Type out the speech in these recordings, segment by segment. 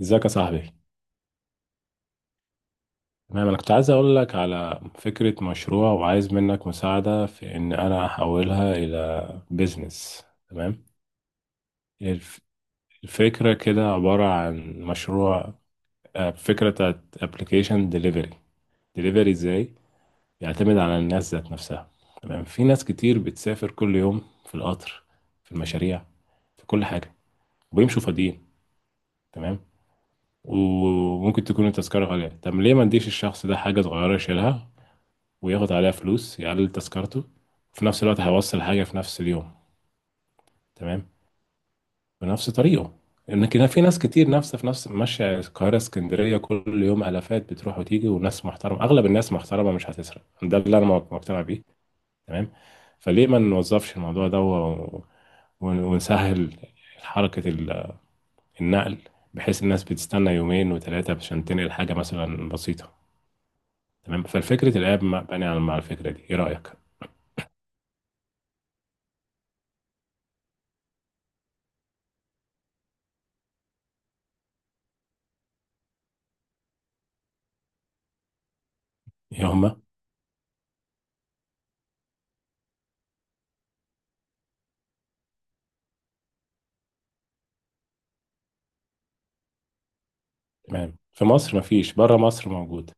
ازيك يا صاحبي؟ تمام، انا كنت عايز اقول لك على فكرة مشروع، وعايز منك مساعدة في ان انا احولها الى بيزنس. تمام. الف- الفكرة كده عبارة عن مشروع. فكرة بتاعت ابلكيشن ديليفري. ديليفري ازاي؟ يعتمد على الناس ذات نفسها. تمام، في ناس كتير بتسافر كل يوم في القطر، في المشاريع، في كل حاجة، وبيمشوا فاضيين. تمام. وممكن تكون التذكرة غالية، طب ليه ما نديش الشخص ده حاجة صغيرة يشيلها وياخد عليها فلوس يقلل تذكرته؟ في نفس الوقت هيوصل حاجة في نفس اليوم، تمام، بنفس طريقه. لكن في ناس كتير نفسها في نفس، ماشية القاهرة اسكندرية كل يوم، آلافات بتروح وتيجي، وناس محترمة، أغلب الناس محترمة مش هتسرق، ده اللي أنا مقتنع بيه. تمام. فليه ما نوظفش الموضوع ده ونسهل حركة النقل، بحيث الناس بتستنى يومين وثلاثة عشان تنقل حاجة مثلا بسيطة. تمام، فالفكرة الآب بني على، مع الفكرة دي، إيه رأيك؟ يا هما تمام، في مصر مفيش، بره مصر موجود.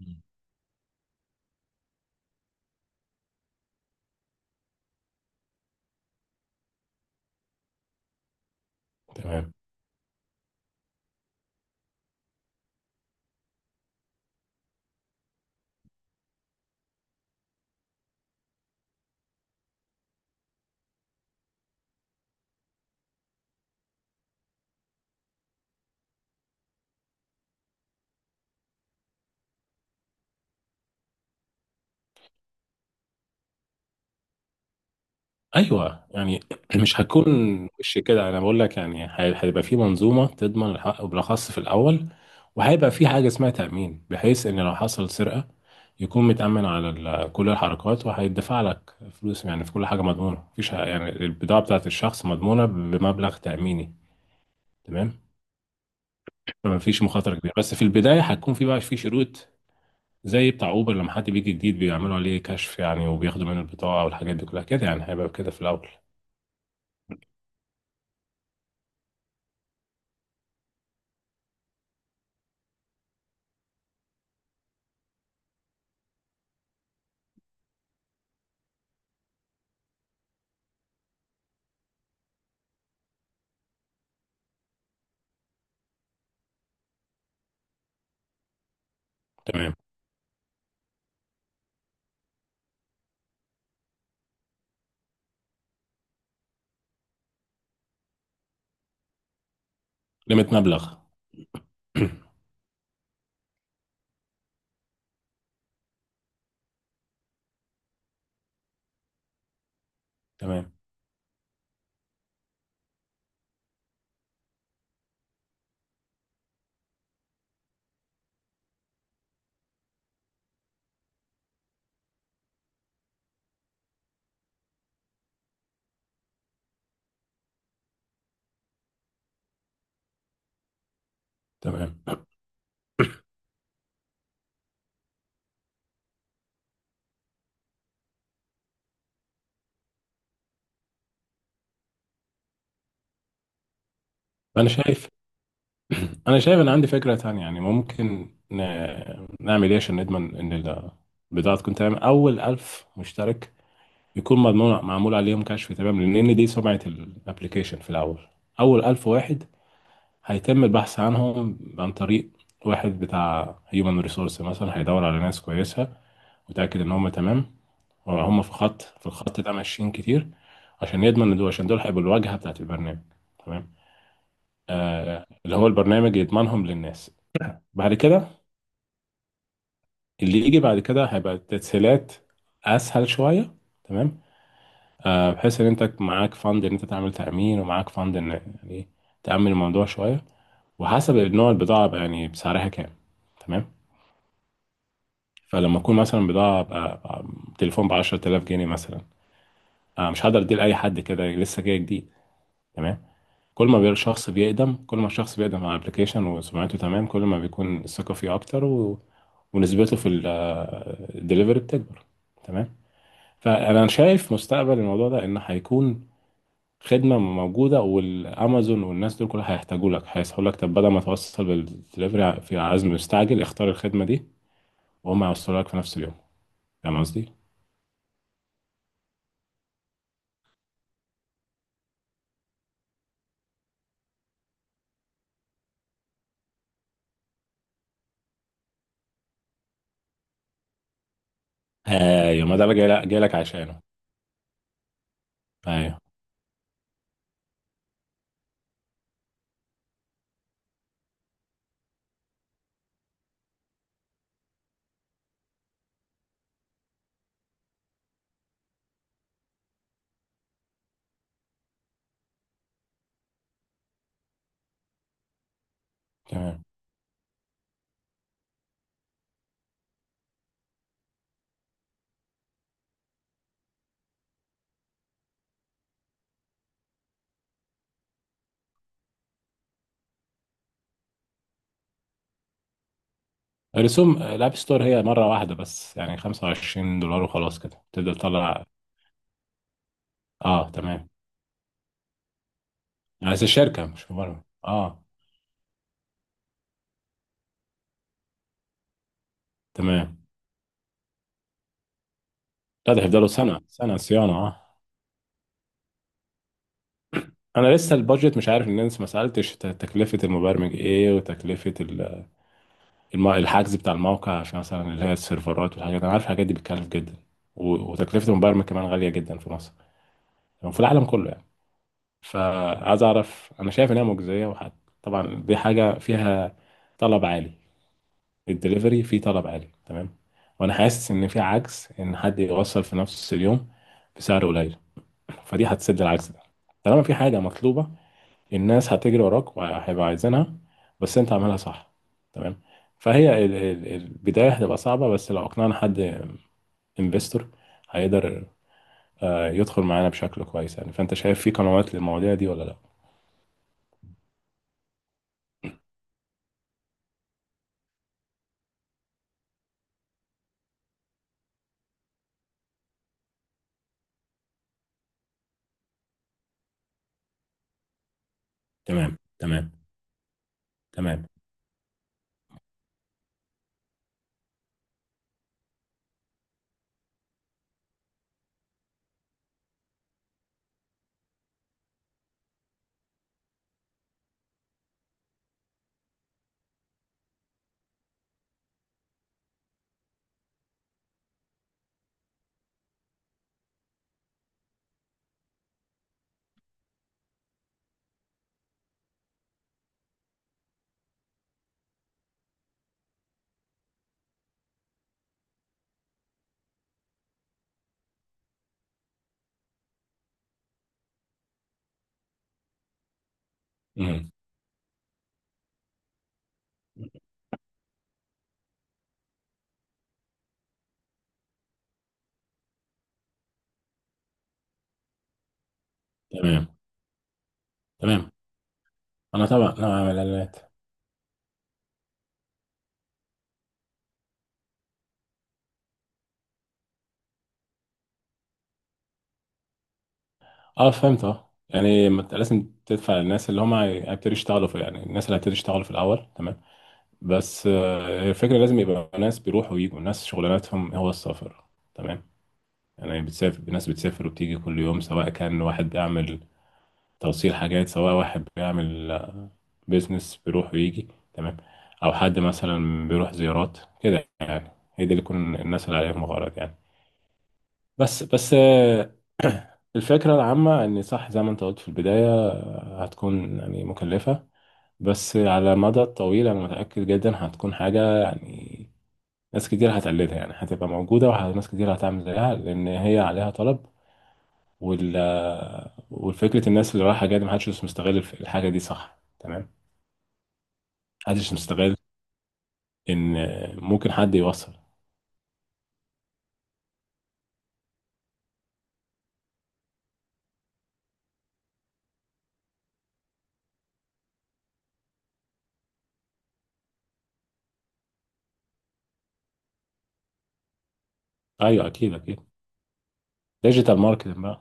مم. تمام. ايوه يعني، مش هتكون وش كده، انا بقول لك يعني هيبقى في منظومه تضمن الحق بالاخص في الاول، وهيبقى في حاجه اسمها تامين، بحيث ان لو حصل سرقه يكون متامن على كل الحركات وهيدفع لك فلوس، يعني في كل حاجه مضمونه، مفيش يعني البضاعه بتاعت الشخص مضمونه بمبلغ تاميني. تمام، فما فيش مخاطره كبيره، بس في البدايه هتكون في بقى في شروط، زي بتاع اوبر لما حد بيجي جديد بيعملوا عليه كشف يعني، وبياخدوا منه البطاقه والحاجات دي كلها كده، يعني هيبقى كده في الاول. تمام. ليميت مبلغ. تمام. تمام، انا شايف. انا شايف ان عندي فكره تانية، يعني ممكن ن... نعمل ايه عشان نضمن ان البضاعه تكون تمام؟ اول 1000 مشترك يكون مضمون، معمول عليهم كشف، تمام، لان دي سمعه الابلكيشن في الاول. اول 1000 واحد هيتم البحث عنهم عن طريق واحد بتاع هيومن ريسورس مثلا، هيدور على ناس كويسه وتأكد إن هم تمام. هم في خط، في الخط ده ماشيين كتير، عشان يضمن إن دول، عشان دول هيبقوا الواجهة بتاعت البرنامج. تمام. آه اللي هو البرنامج يضمنهم للناس. بعد كده، اللي يجي بعد كده هيبقى التسهيلات أسهل شوية. تمام. آه، بحيث إن أنت معاك فند إن أنت تعمل تأمين، ومعاك فند إن يعني تأمن الموضوع شوية، وحسب نوع البضاعة بقى يعني، بسعرها كام. تمام. فلما أكون مثلا بضاعة تليفون ب 10000 جنيه مثلا، آه مش هقدر أديه لأي حد كده لسه جاي جديد. تمام. كل ما بيبقى الشخص بيقدم، كل ما الشخص بيقدم على ابلكيشن وسمعته تمام، كل ما بيكون الثقة فيه أكتر ونسبته في الدليفري بتكبر. تمام. فأنا شايف مستقبل الموضوع ده إن هيكون خدمة موجودة، والأمازون والناس دول كلها هيحتاجوا لك، هيقول لك طب بدل ما توصل بالدليفري في عزم مستعجل اختار الخدمة دي وهم هيوصلوا لك في نفس اليوم. فاهم قصدي؟ أيوة، ما ده بقى جاي لك، جاي لك عشانه. أيوة تمام. رسوم الاب ستور هي مره واحده بس يعني، 25 دولار وخلاص كده تبدا تطلع. اه تمام، بس الشركه مش مره. اه تمام. لا، ده هيفضلوا سنه سنه صيانه. اه، انا لسه البادجت مش عارف، ان انت ما سالتش تكلفه المبرمج ايه، وتكلفه الحجز بتاع الموقع، عشان مثلا اللي هي السيرفرات والحاجات، انا عارف الحاجات دي بتكلف جدا. وتكلفه المبرمج كمان غاليه جدا في مصر وفي العالم كله يعني. فعايز اعرف، انا شايف انها مجزيه وحد، طبعا دي حاجه فيها طلب عالي، الدليفري فيه طلب عالي. تمام. وانا حاسس ان في عجز ان حد يوصل في نفس اليوم بسعر قليل، فدي هتسد العجز ده. طالما في حاجه مطلوبه الناس هتجري وراك وهيبقى عايزينها، بس انت عاملها صح. تمام. فهي البدايه هتبقى صعبه، بس لو اقنعنا حد انفستور هيقدر يدخل معانا بشكل كويس يعني. فانت شايف في قنوات للمواضيع دي ولا لا؟ تمام تمام. تمام. مم. تمام. تمام، انا طبعا انا اعمل اعلانات. اه فهمت، اه يعني ما انت لازم تدفع للناس اللي هم هيبتدوا يشتغلوا في يعني، الناس اللي هيبتدوا يشتغلوا في الاول. تمام. بس الفكره لازم يبقى ناس بيروحوا ويجوا، ناس شغلانتهم هو السفر. تمام. يعني بتسافر، ناس بتسافر وبتيجي كل يوم، سواء كان واحد بيعمل توصيل حاجات، سواء واحد بيعمل بيزنس بيروح ويجي، تمام، او حد مثلا بيروح زيارات كده يعني، هي دي اللي تكون الناس اللي عليهم غرض يعني. بس الفكرة العامة إن صح زي ما أنت قلت في البداية، هتكون يعني مكلفة، بس على المدى الطويل أنا متأكد جدا هتكون حاجة يعني، ناس كتير هتقلدها يعني، هتبقى موجودة، وناس كتير هتعمل زيها لأن هي عليها طلب. وال والفكرة الناس اللي رايحة جاية دي محدش مش مستغل الحاجة دي، صح؟ تمام. محدش مستغل إن ممكن حد يوصل. أيوه أكيد أكيد، ديجيتال ماركتنج بقى.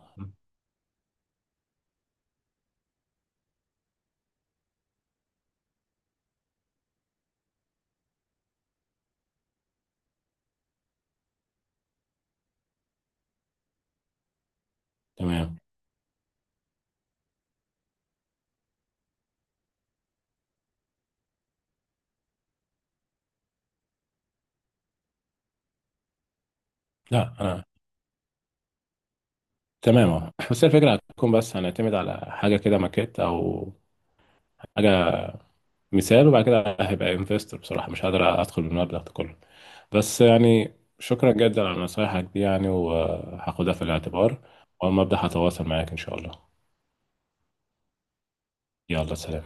تمام. لا انا تمام، اه بس هي الفكرة هتكون، بس هنعتمد على حاجة كده ماكيت أو حاجة مثال، وبعد كده هبقى انفستور، بصراحة مش قادر أدخل بالمبلغ ده كله. بس يعني شكرا جدا على نصايحك دي يعني وهاخدها في الاعتبار، وأول ما أبدأ هتواصل معاك إن شاء الله. يلا سلام.